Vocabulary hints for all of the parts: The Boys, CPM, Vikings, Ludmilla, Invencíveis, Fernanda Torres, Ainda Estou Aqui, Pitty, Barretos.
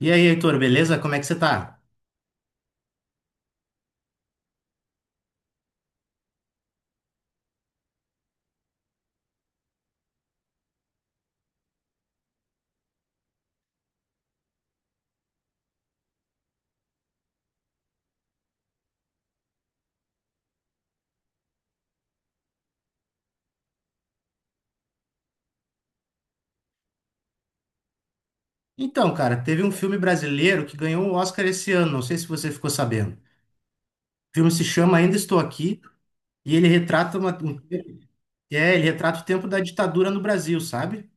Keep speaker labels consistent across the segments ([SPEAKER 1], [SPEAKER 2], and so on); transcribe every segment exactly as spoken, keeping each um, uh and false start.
[SPEAKER 1] E aí, Heitor, beleza? Como é que você tá? Então, cara, teve um filme brasileiro que ganhou o Oscar esse ano, não sei se você ficou sabendo. O filme se chama Ainda Estou Aqui e ele retrata uma, um- é, ele retrata o tempo da ditadura no Brasil, sabe?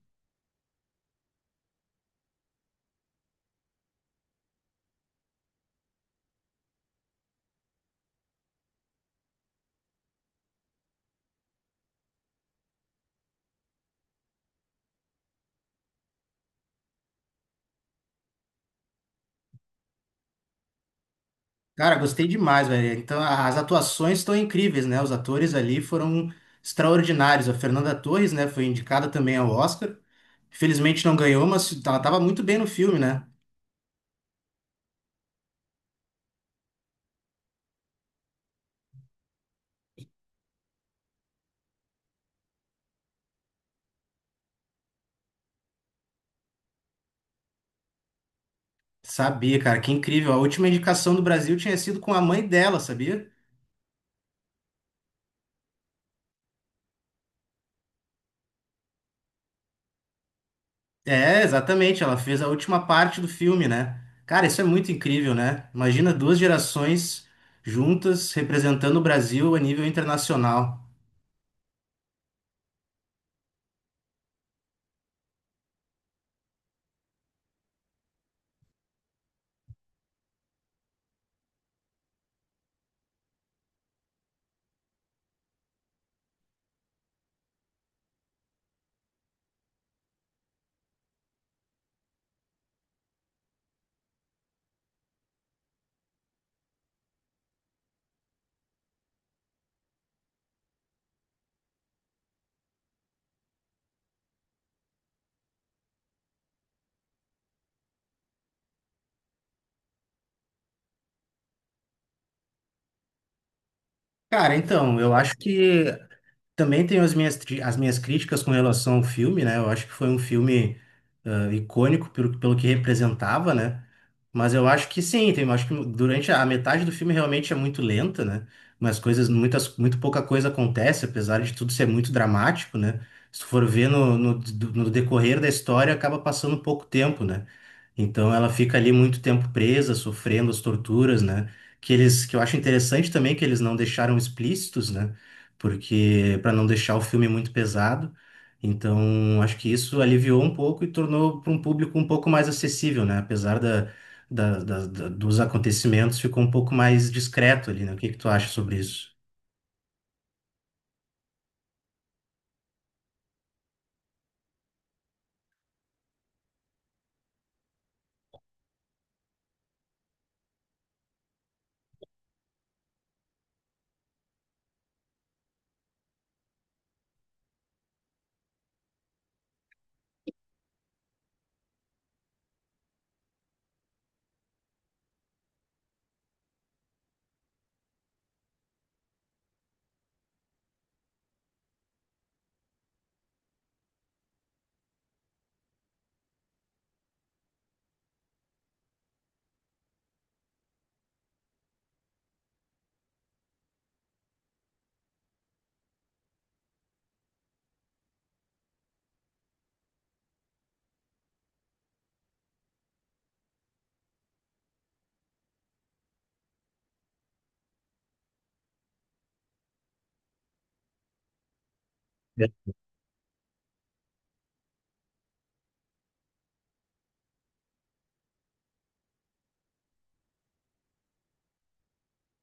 [SPEAKER 1] Cara, gostei demais, velho. Então, a- as atuações estão incríveis, né? Os atores ali foram extraordinários. A Fernanda Torres, né, foi indicada também ao Oscar. Infelizmente não ganhou, mas ela tava muito bem no filme, né? Sabia, cara, que incrível. A última indicação do Brasil tinha sido com a mãe dela, sabia? É, exatamente, ela fez a última parte do filme, né? Cara, isso é muito incrível, né? Imagina duas gerações juntas representando o Brasil a nível internacional. Cara, então, eu acho que também tenho as minhas, tri- as minhas críticas com relação ao filme, né? Eu acho que foi um filme ah, icônico pelo, pelo que representava, né? Mas eu acho que sim, tem, eu acho que durante a metade do filme realmente é muito lenta, né? Mas coisas, muitas, muito pouca coisa acontece, apesar de tudo ser muito dramático, né? Se tu for ver no, no, do- no decorrer da história, acaba passando pouco tempo, né? Então ela fica ali muito tempo presa, sofrendo as torturas, né? Que eles, que eu acho interessante também que eles não deixaram explícitos, né? Porque para não deixar o filme muito pesado. Então, acho que isso aliviou um pouco e tornou para um público um pouco mais acessível, né? Apesar da, da- da- da- dos acontecimentos, ficou um pouco mais discreto ali, né? O que que tu acha sobre isso?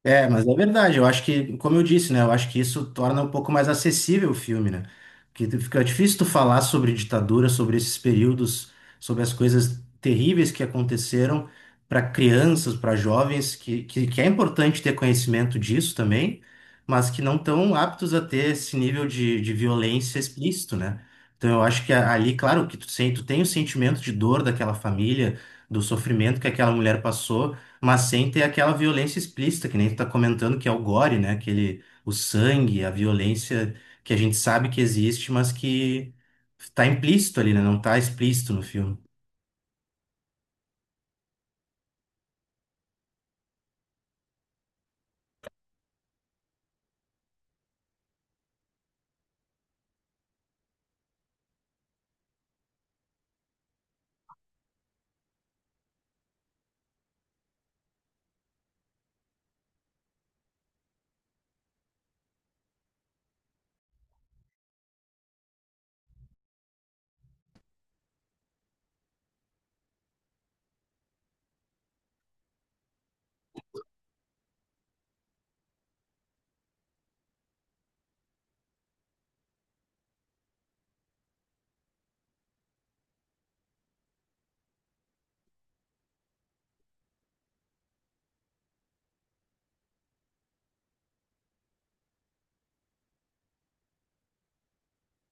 [SPEAKER 1] É, mas é verdade. Eu acho que, como eu disse, né? Eu acho que isso torna um pouco mais acessível o filme, né? Porque tu- fica é difícil tu falar sobre ditadura, sobre esses períodos, sobre as coisas terríveis que aconteceram para crianças, para jovens, que, que, que é importante ter conhecimento disso também, mas que não estão aptos a ter esse nível de, de violência explícito, né? Então eu acho que a- ali, claro, que tu, sen- tu tem o sentimento de dor daquela família, do sofrimento que aquela mulher passou. Mas sem ter aquela violência explícita, que nem tu tá comentando, que é o gore, né? Aquele, o sangue, a violência que a gente sabe que existe, mas que tá implícito ali, né? Não tá explícito no filme.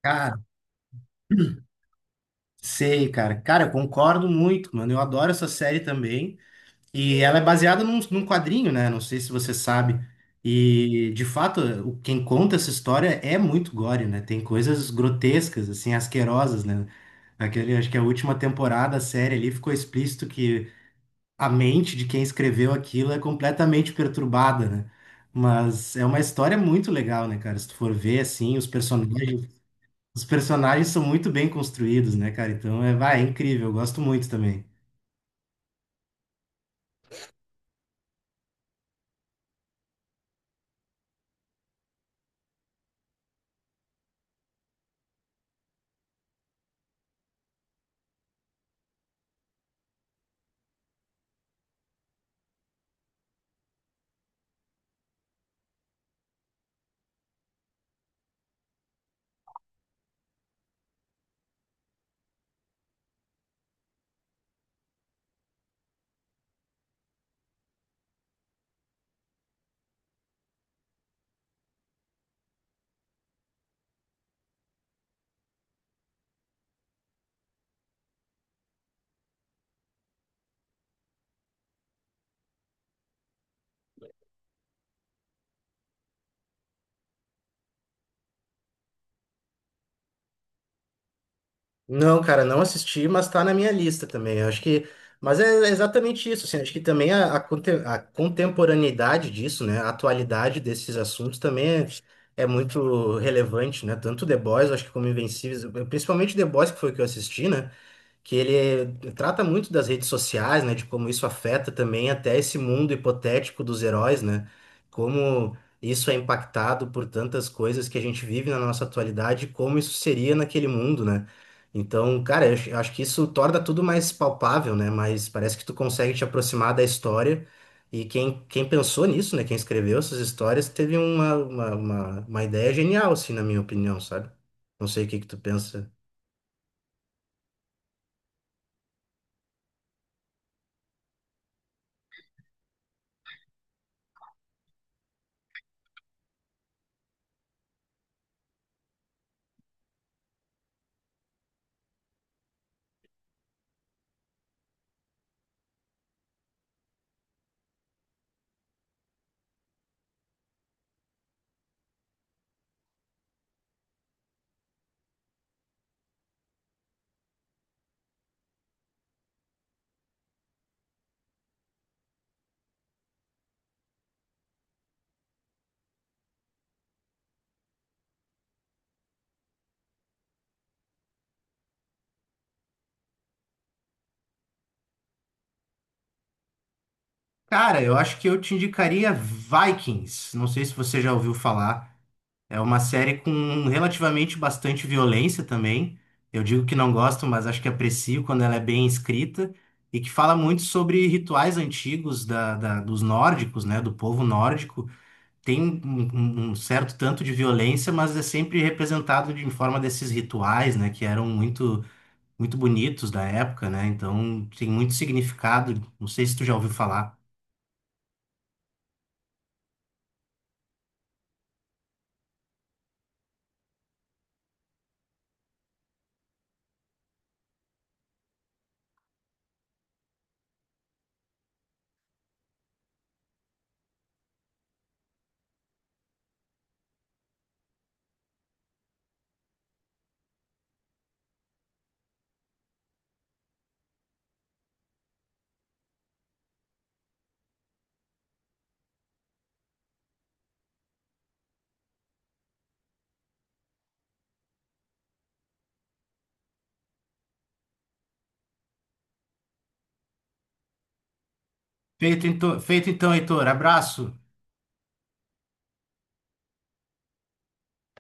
[SPEAKER 1] Cara, sei, cara. Cara, eu concordo muito, mano. Eu adoro essa série também. E ela é baseada num, num quadrinho, né? Não sei se você sabe. E, de fato, o- quem conta essa história é muito gore, né? Tem coisas grotescas, assim, asquerosas, né? Aquele, acho que a última temporada, a série ali, ficou explícito que a mente de quem escreveu aquilo é completamente perturbada, né? Mas é uma história muito legal, né, cara? Se tu for ver, assim, os personagens, os personagens são muito bem construídos, né, cara? Então é, vai, é incrível, eu gosto muito também. Não, cara, não assisti, mas tá na minha lista também. Eu acho que. Mas é exatamente isso, assim, acho que também a, a conte- a contemporaneidade disso, né? A atualidade desses assuntos também é, é muito relevante, né? Tanto The Boys, eu acho que como Invencíveis, principalmente The Boys, que foi o que eu assisti, né? Que ele trata muito das redes sociais, né, de como isso afeta também até esse mundo hipotético dos heróis, né? Como isso é impactado por tantas coisas que a gente vive na nossa atualidade, como isso seria naquele mundo, né? Então, cara, eu acho eu acho que isso torna tudo mais palpável, né? Mas parece que tu consegue te aproximar da história. E quem, quem pensou nisso, né? Quem escreveu essas histórias teve uma, uma, uma, uma ideia genial, assim, na minha opinião, sabe? Não sei o que que tu pensa. Cara, eu acho que eu te indicaria Vikings. Não sei se você já ouviu falar. É uma série com relativamente bastante violência também. Eu digo que não gosto, mas acho que aprecio quando ela é bem escrita e que fala muito sobre rituais antigos da, da- dos nórdicos, né? Do povo nórdico. Tem um, um- um certo tanto de violência, mas é sempre representado de em forma desses rituais, né? Que eram muito, muito bonitos da época, né? Então tem muito significado. Não sei se tu já ouviu falar. Feito, então, feito então, Heitor. Abraço.